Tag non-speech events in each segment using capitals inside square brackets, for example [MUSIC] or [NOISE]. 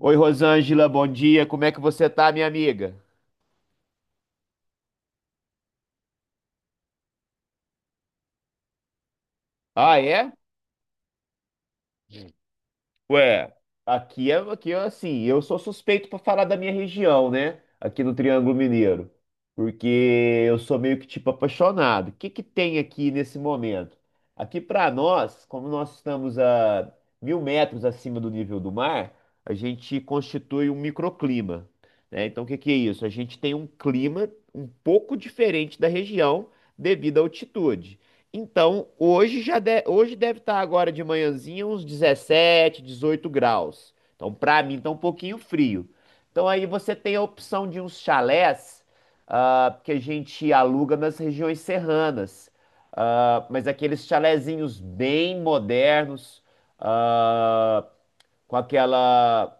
Oi, Rosângela, bom dia. Como é que você tá, minha amiga? Ah, é? Ué, Aqui é assim, eu sou suspeito para falar da minha região, né? Aqui no Triângulo Mineiro, porque eu sou meio que tipo apaixonado. O que que tem aqui nesse momento? Aqui para nós, como nós estamos a 1.000 metros acima do nível do mar, a gente constitui um microclima, né? Então, o que que é isso? A gente tem um clima um pouco diferente da região devido à altitude. Então, hoje deve estar agora de manhãzinha uns 17, 18 graus. Então, para mim, tá um pouquinho frio. Então, aí você tem a opção de uns chalés, que a gente aluga nas regiões serranas. Ah, mas aqueles chalezinhos bem modernos, ah, com aquela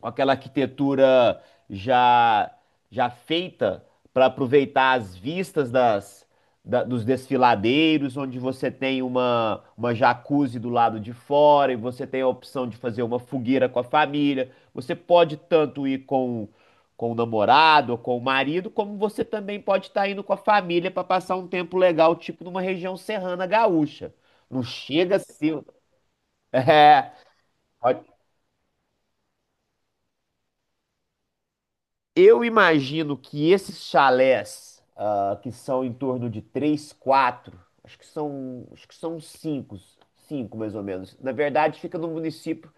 com aquela arquitetura já já feita para aproveitar as vistas dos desfiladeiros, onde você tem uma jacuzzi do lado de fora e você tem a opção de fazer uma fogueira com a família. Você pode tanto ir com o namorado ou com o marido, como você também pode estar indo com a família para passar um tempo legal, tipo numa região serrana gaúcha. Não chega a ser. [LAUGHS] É, eu imagino que esses chalés, que são em torno de três, quatro, acho que são cinco mais ou menos. Na verdade, fica no município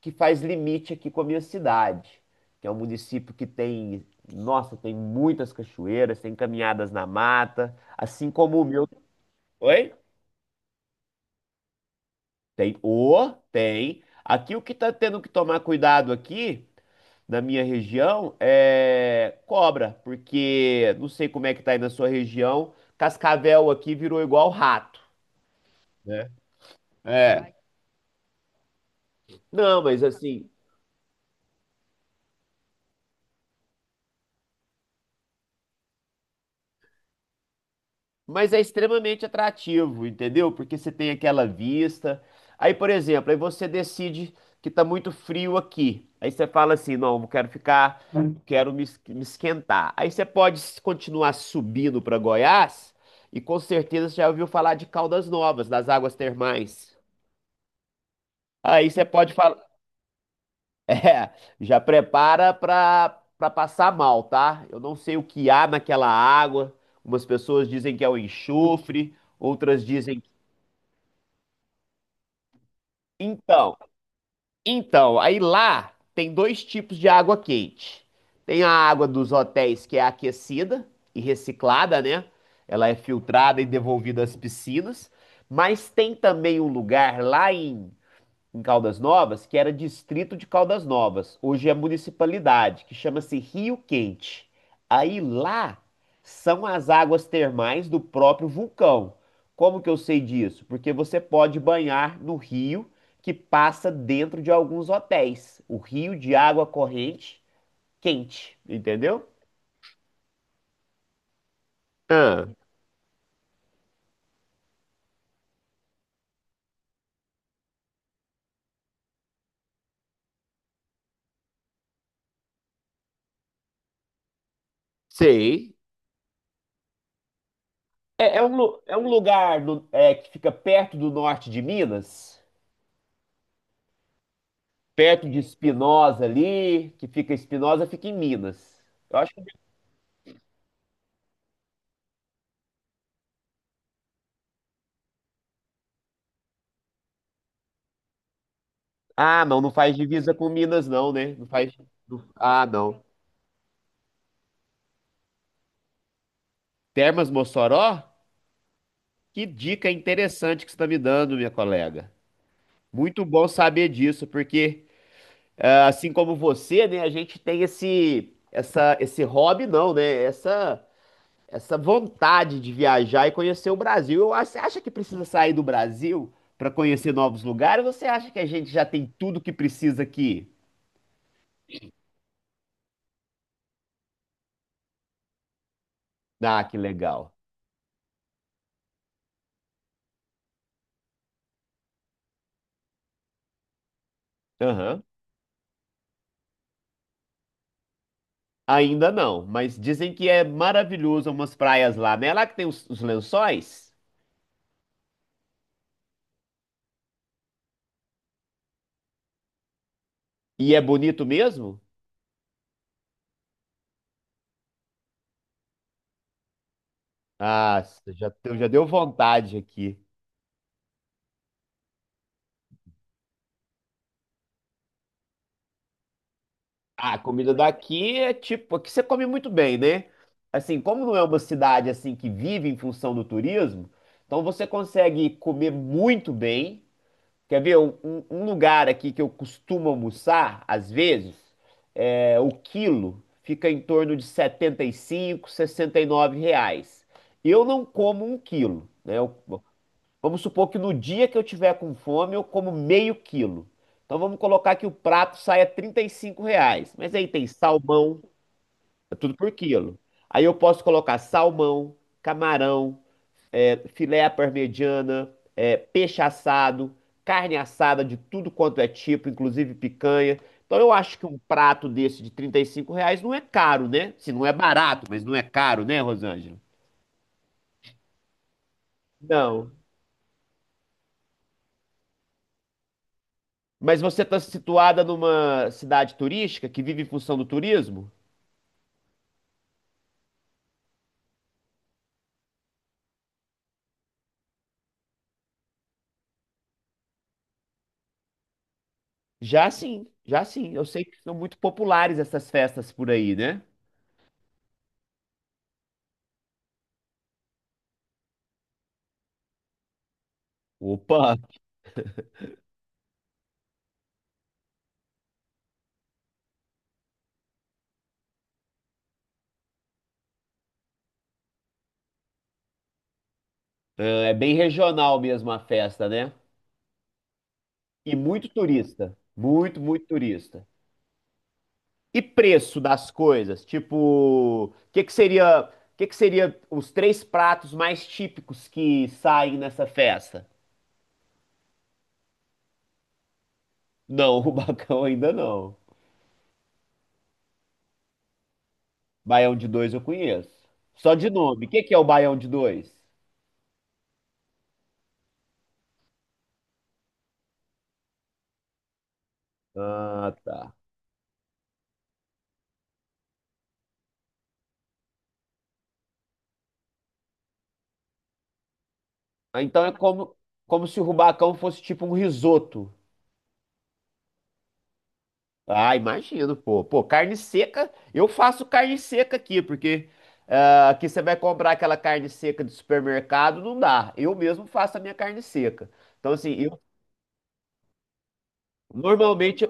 que faz limite aqui com a minha cidade, que é um município que tem, nossa, tem muitas cachoeiras, tem caminhadas na mata, assim como o meu. Oi? Tem. Aqui o que tá tendo que tomar cuidado aqui da minha região é cobra, porque não sei como é que tá aí na sua região, cascavel aqui virou igual rato, né? É. Ai, não, mas assim, mas é extremamente atrativo, entendeu? Porque você tem aquela vista. Aí, por exemplo, aí você decide que tá muito frio aqui. Aí você fala assim, não, eu quero ficar, quero me esquentar. Aí você pode continuar subindo para Goiás e com certeza você já ouviu falar de Caldas Novas, das águas termais. Aí você pode falar. [LAUGHS] É, já prepara pra passar mal, tá? Eu não sei o que há naquela água. Umas pessoas dizem que é o enxofre, outras dizem que. Então, então, aí lá tem dois tipos de água quente. Tem a água dos hotéis que é aquecida e reciclada, né? Ela é filtrada e devolvida às piscinas. Mas tem também um lugar lá em Caldas Novas, que era distrito de Caldas Novas. Hoje é municipalidade, que chama-se Rio Quente. Aí lá são as águas termais do próprio vulcão. Como que eu sei disso? Porque você pode banhar no rio que passa dentro de alguns hotéis. O rio de água corrente quente, entendeu? Ah, sei. É, é um, lu- é um lugar no- é, que fica perto do norte de Minas. Perto de Espinosa ali, que fica Espinosa, fica em Minas. Eu acho que. Ah, não, não faz divisa com Minas, não, né? Não faz. Ah, não. Termas Mossoró? Que dica interessante que você está me dando, minha colega. Muito bom saber disso, porque assim como você, né, a gente tem esse hobby, não, né? Essa vontade de viajar e conhecer o Brasil. Você acha que precisa sair do Brasil para conhecer novos lugares? Ou você acha que a gente já tem tudo que precisa aqui? Ah, que legal. Aham. Ainda não, mas dizem que é maravilhoso umas praias lá, né? É lá que tem os lençóis. E é bonito mesmo? Ah, já deu vontade aqui. Ah, a comida daqui é tipo, aqui você come muito bem, né? Assim, como não é uma cidade assim que vive em função do turismo, então você consegue comer muito bem. Quer ver um lugar aqui que eu costumo almoçar, às vezes, o quilo fica em torno de 75, R$ 69. Eu não como um quilo, né? Vamos supor que no dia que eu tiver com fome, eu como meio quilo. Então vamos colocar que o prato saia R$ 35. Mas aí tem salmão, é tudo por quilo. Aí eu posso colocar salmão, camarão, filé à parmegiana, peixe assado, carne assada de tudo quanto é tipo, inclusive picanha. Então eu acho que um prato desse de R$ 35 não é caro, né? Se não é barato, mas não é caro, né, Rosângela? Não. Mas você está situada numa cidade turística que vive em função do turismo? Já sim, já sim. Eu sei que são muito populares essas festas por aí, né? Opa, é bem regional mesmo a festa, né? E muito turista. Muito, muito turista. E preço das coisas? Tipo, o que que seria, os três pratos mais típicos que saem nessa festa? Não, o [LAUGHS] bacão ainda não. Baião de dois eu conheço. Só de nome. O que que é o baião de dois? Ah, tá. Ah, então é como se o rubacão fosse tipo um risoto. Ah, imagino, pô. Pô, carne seca, eu faço carne seca aqui, porque aqui você vai comprar aquela carne seca de supermercado, não dá. Eu mesmo faço a minha carne seca. Então, assim, eu normalmente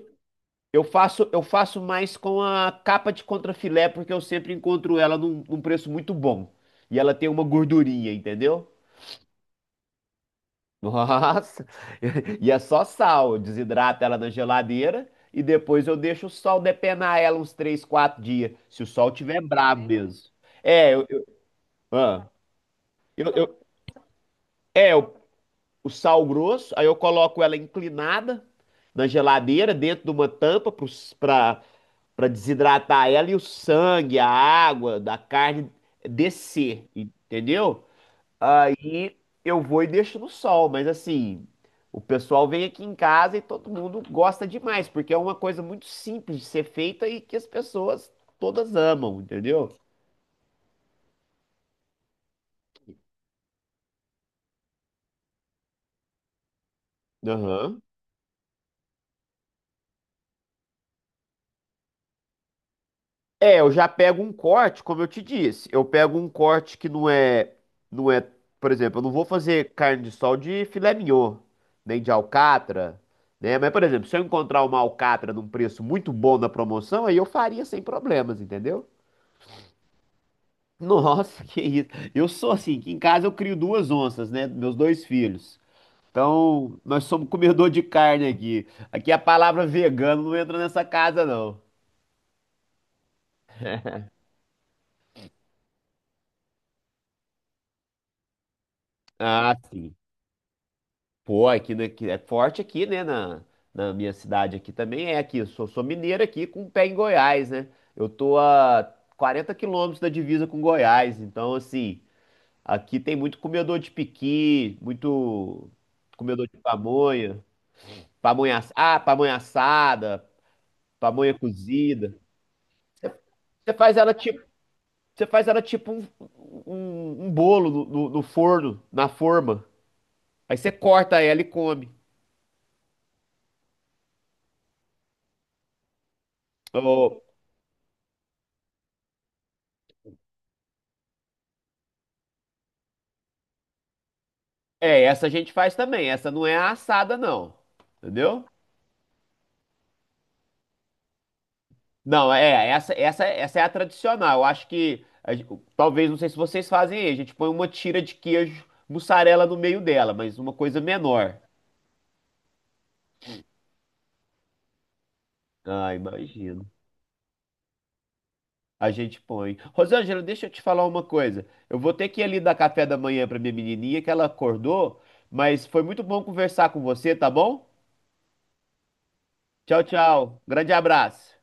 eu faço mais com a capa de contrafilé, porque eu sempre encontro ela num preço muito bom. E ela tem uma gordurinha, entendeu? Nossa! [LAUGHS] E é só sal. Eu desidrato ela na geladeira e depois eu deixo o sol depenar ela uns 3, 4 dias, se o sol tiver bravo mesmo. É, eu, ah, eu- é eu- O sal grosso, aí eu coloco ela inclinada na geladeira, dentro de uma tampa para para desidratar ela e o sangue, a água da carne descer, entendeu? E eu vou e deixo no sol, mas assim, o pessoal vem aqui em casa e todo mundo gosta demais, porque é uma coisa muito simples de ser feita e que as pessoas todas amam, entendeu? Aham. É, eu já pego um corte, como eu te disse, eu pego um corte que não é, por exemplo, eu não vou fazer carne de sol de filé mignon, nem de alcatra, né? Mas, por exemplo, se eu encontrar uma alcatra num preço muito bom na promoção, aí eu faria sem problemas, entendeu? Nossa, [LAUGHS] que isso. Eu sou assim, que em casa eu crio duas onças, né? Meus dois filhos. Então, nós somos comedor de carne aqui. Aqui a palavra vegano não entra nessa casa, não. Ah, sim. Pô, aqui, né, que é forte aqui, né? Na minha cidade aqui também é aqui. Eu sou mineiro aqui com pé em Goiás, né? Eu tô a 40 quilômetros da divisa com Goiás. Então, assim, aqui tem muito comedor de piqui, muito comedor de pamonha. Pamonha assada, pamonha cozida. Você faz ela tipo, você faz ela tipo um bolo no forno, na forma. Aí você corta ela e come. Ô, essa a gente faz também. Essa não é a assada, não. Entendeu? Não, é, essa é a tradicional. Eu acho que, talvez, não sei se vocês fazem aí, a gente põe uma tira de queijo mussarela no meio dela, mas uma coisa menor. Ah, imagino. A gente põe. Rosângela, deixa eu te falar uma coisa. Eu vou ter que ir ali dar café da manhã pra minha menininha, que ela acordou, mas foi muito bom conversar com você, tá bom? Tchau, tchau. Grande abraço.